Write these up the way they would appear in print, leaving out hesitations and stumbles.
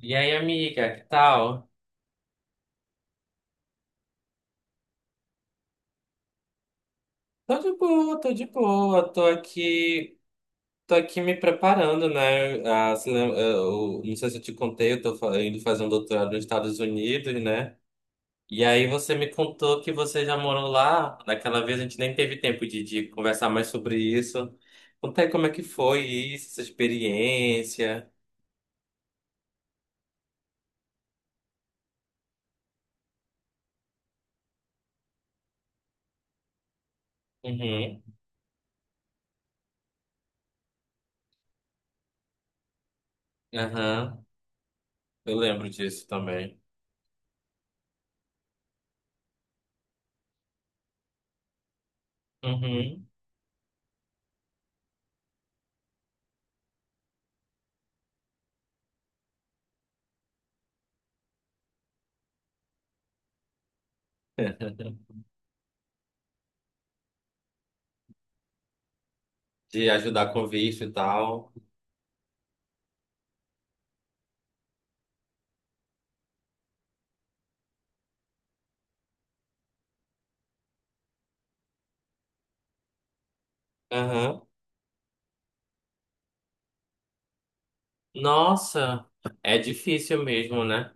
E aí, amiga, que tal? Tô de boa, tô de boa, tô aqui me preparando, né? Ah, se lem- eh, eu- não sei se eu te contei, eu tô indo fazer um doutorado nos Estados Unidos, né? E aí você me contou que você já morou lá. Daquela vez a gente nem teve tempo de conversar mais sobre isso. Conta aí como é que foi isso, essa experiência. Uhum, aham, eu lembro disso também. Uhum. De ajudar com visto e tal. Aham. Nossa, é difícil mesmo, né?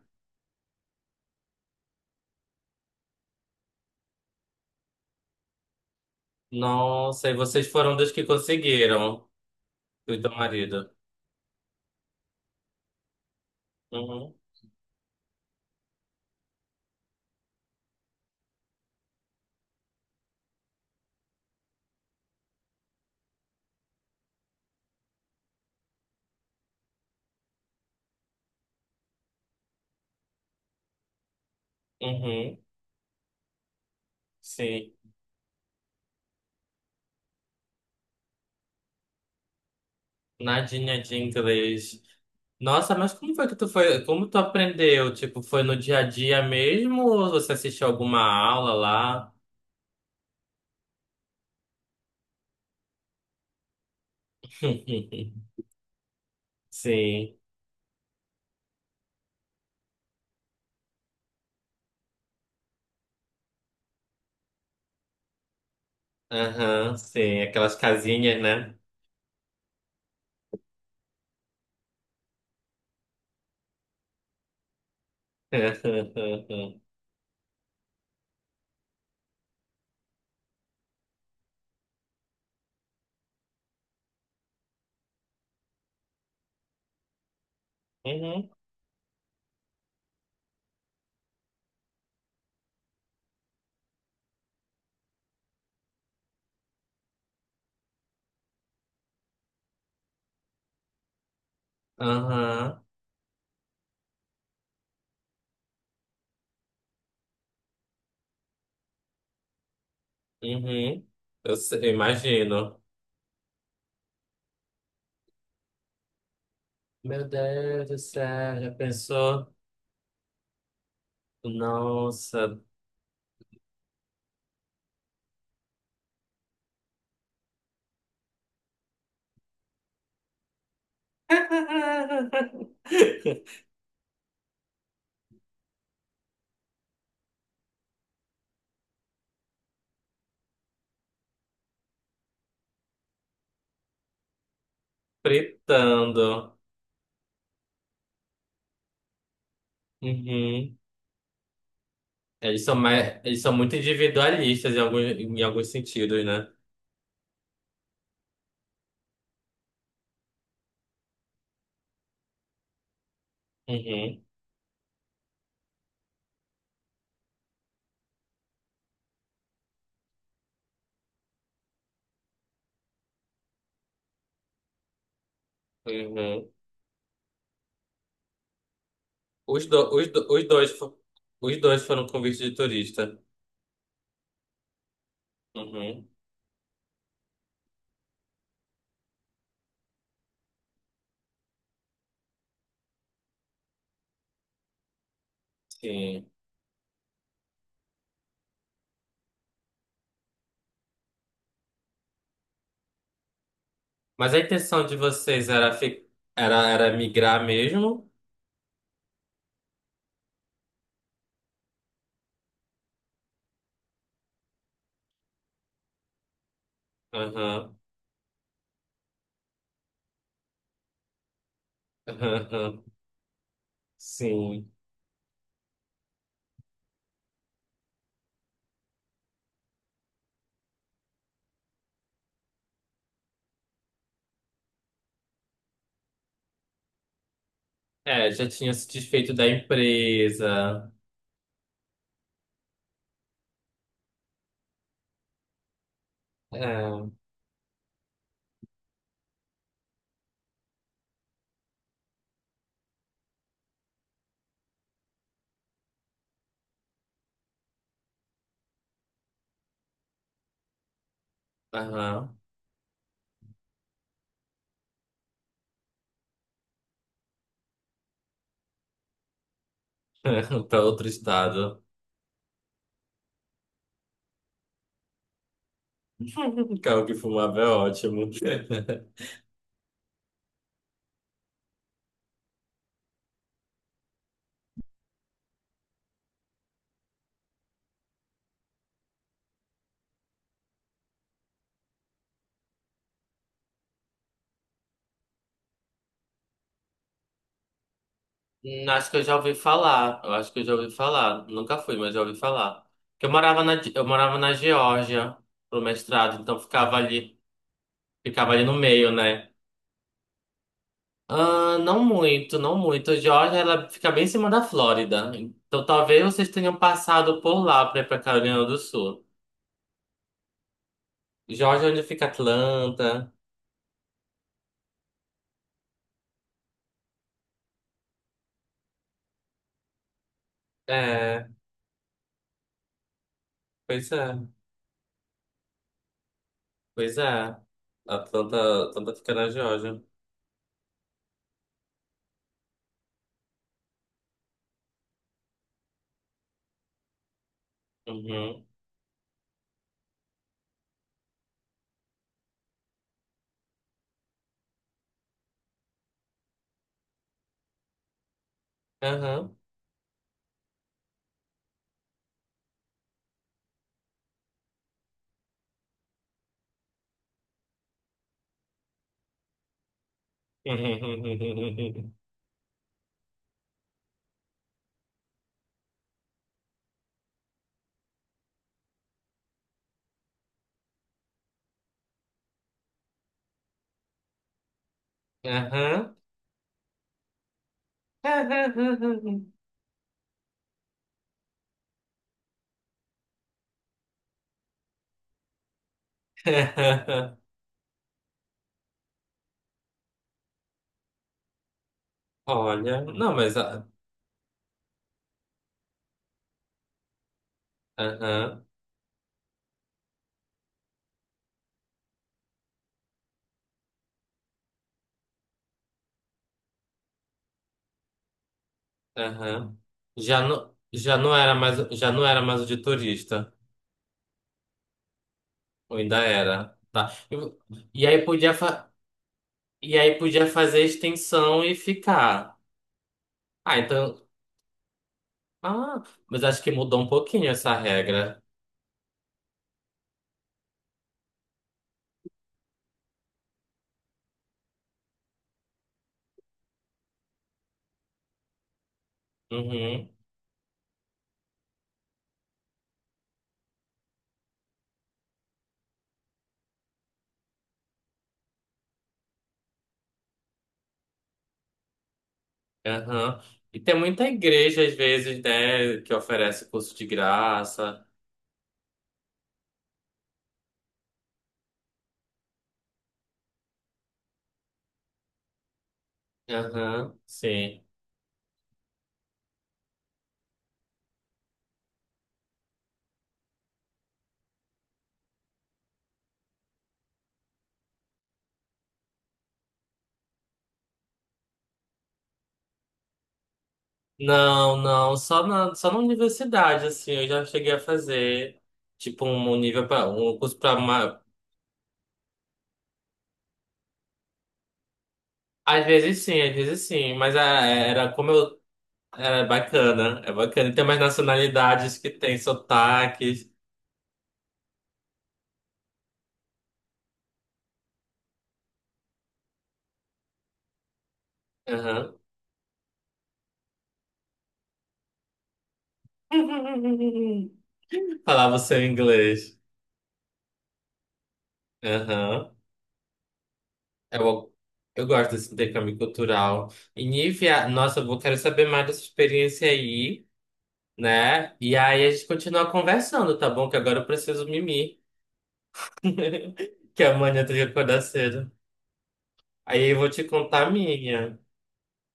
Nossa, e vocês foram dos que conseguiram, tu e teu marido. Uhum, uhum, sim. Nadinha de inglês. Nossa, mas como foi que tu foi? Como tu aprendeu? Tipo, foi no dia a dia mesmo ou você assistiu alguma aula lá? Sim, aham, sim. Aquelas casinhas, né? Uhum, aham, uhum. Eu sei, eu imagino. Meu Deus do céu, já pensou? Nossa. Fritando. Uhum. Eles são muito individualistas em alguns sentidos, né? Uhum. Uhum. Os, do, os, do, os dois, fo- Os dois foram convite de turista. Uhum. Sim. Mas a intenção de vocês era, era migrar mesmo? Uhum. Uhum. Sim. É, já tinha se desfeito da empresa. É, aham. Para outro estado. Carro que fumava é ótimo. Acho que eu já ouvi falar. Eu acho que eu já ouvi falar. Nunca fui, mas já ouvi falar. Porque eu morava na Geórgia pro mestrado, então ficava ali no meio, né? Ah, não muito, não muito. A Geórgia, ela fica bem em cima da Flórida. Então talvez vocês tenham passado por lá para ir pra Carolina do Sul. Geórgia, é onde fica Atlanta. É, pois é. Pois é. Atlanta, Atlanta fica na Geórgia. Uhum. Aham. Uhum. Aham. Olha, não, aham, aham. Já não, já não era mais o de turista, ou ainda era, tá? E, e aí podia fa- e aí podia fazer extensão e ficar. Ah, então, ah, mas acho que mudou um pouquinho essa regra. Uhum. Aham. E tem muita igreja, às vezes, né, que oferece curso de graça. Aham, sim. Não, só na universidade, assim, eu já cheguei a fazer, tipo, um nível para um curso para uma... às vezes sim, mas ah, era como eu... Era bacana, é bacana. E tem mais nacionalidades que tem sotaques. Aham. Falava o seu inglês. Aham. Eu, eu gosto desse intercâmbio cultural. E Nívia, nossa, quero saber mais dessa experiência aí, né? E aí a gente continua conversando, tá bom? Que agora eu preciso mimir, que amanhã eu tenho que acordar cedo. Aí eu vou te contar a minha.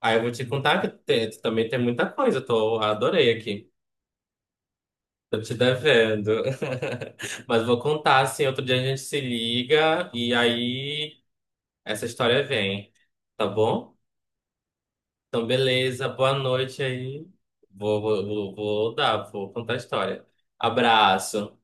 Aí eu vou te contar que também tem muita coisa, eu tô, adorei aqui. Tô te devendo. Mas vou contar, assim, outro dia a gente se liga e aí essa história vem, tá bom? Então, beleza. Boa noite aí. Vou contar a história. Abraço.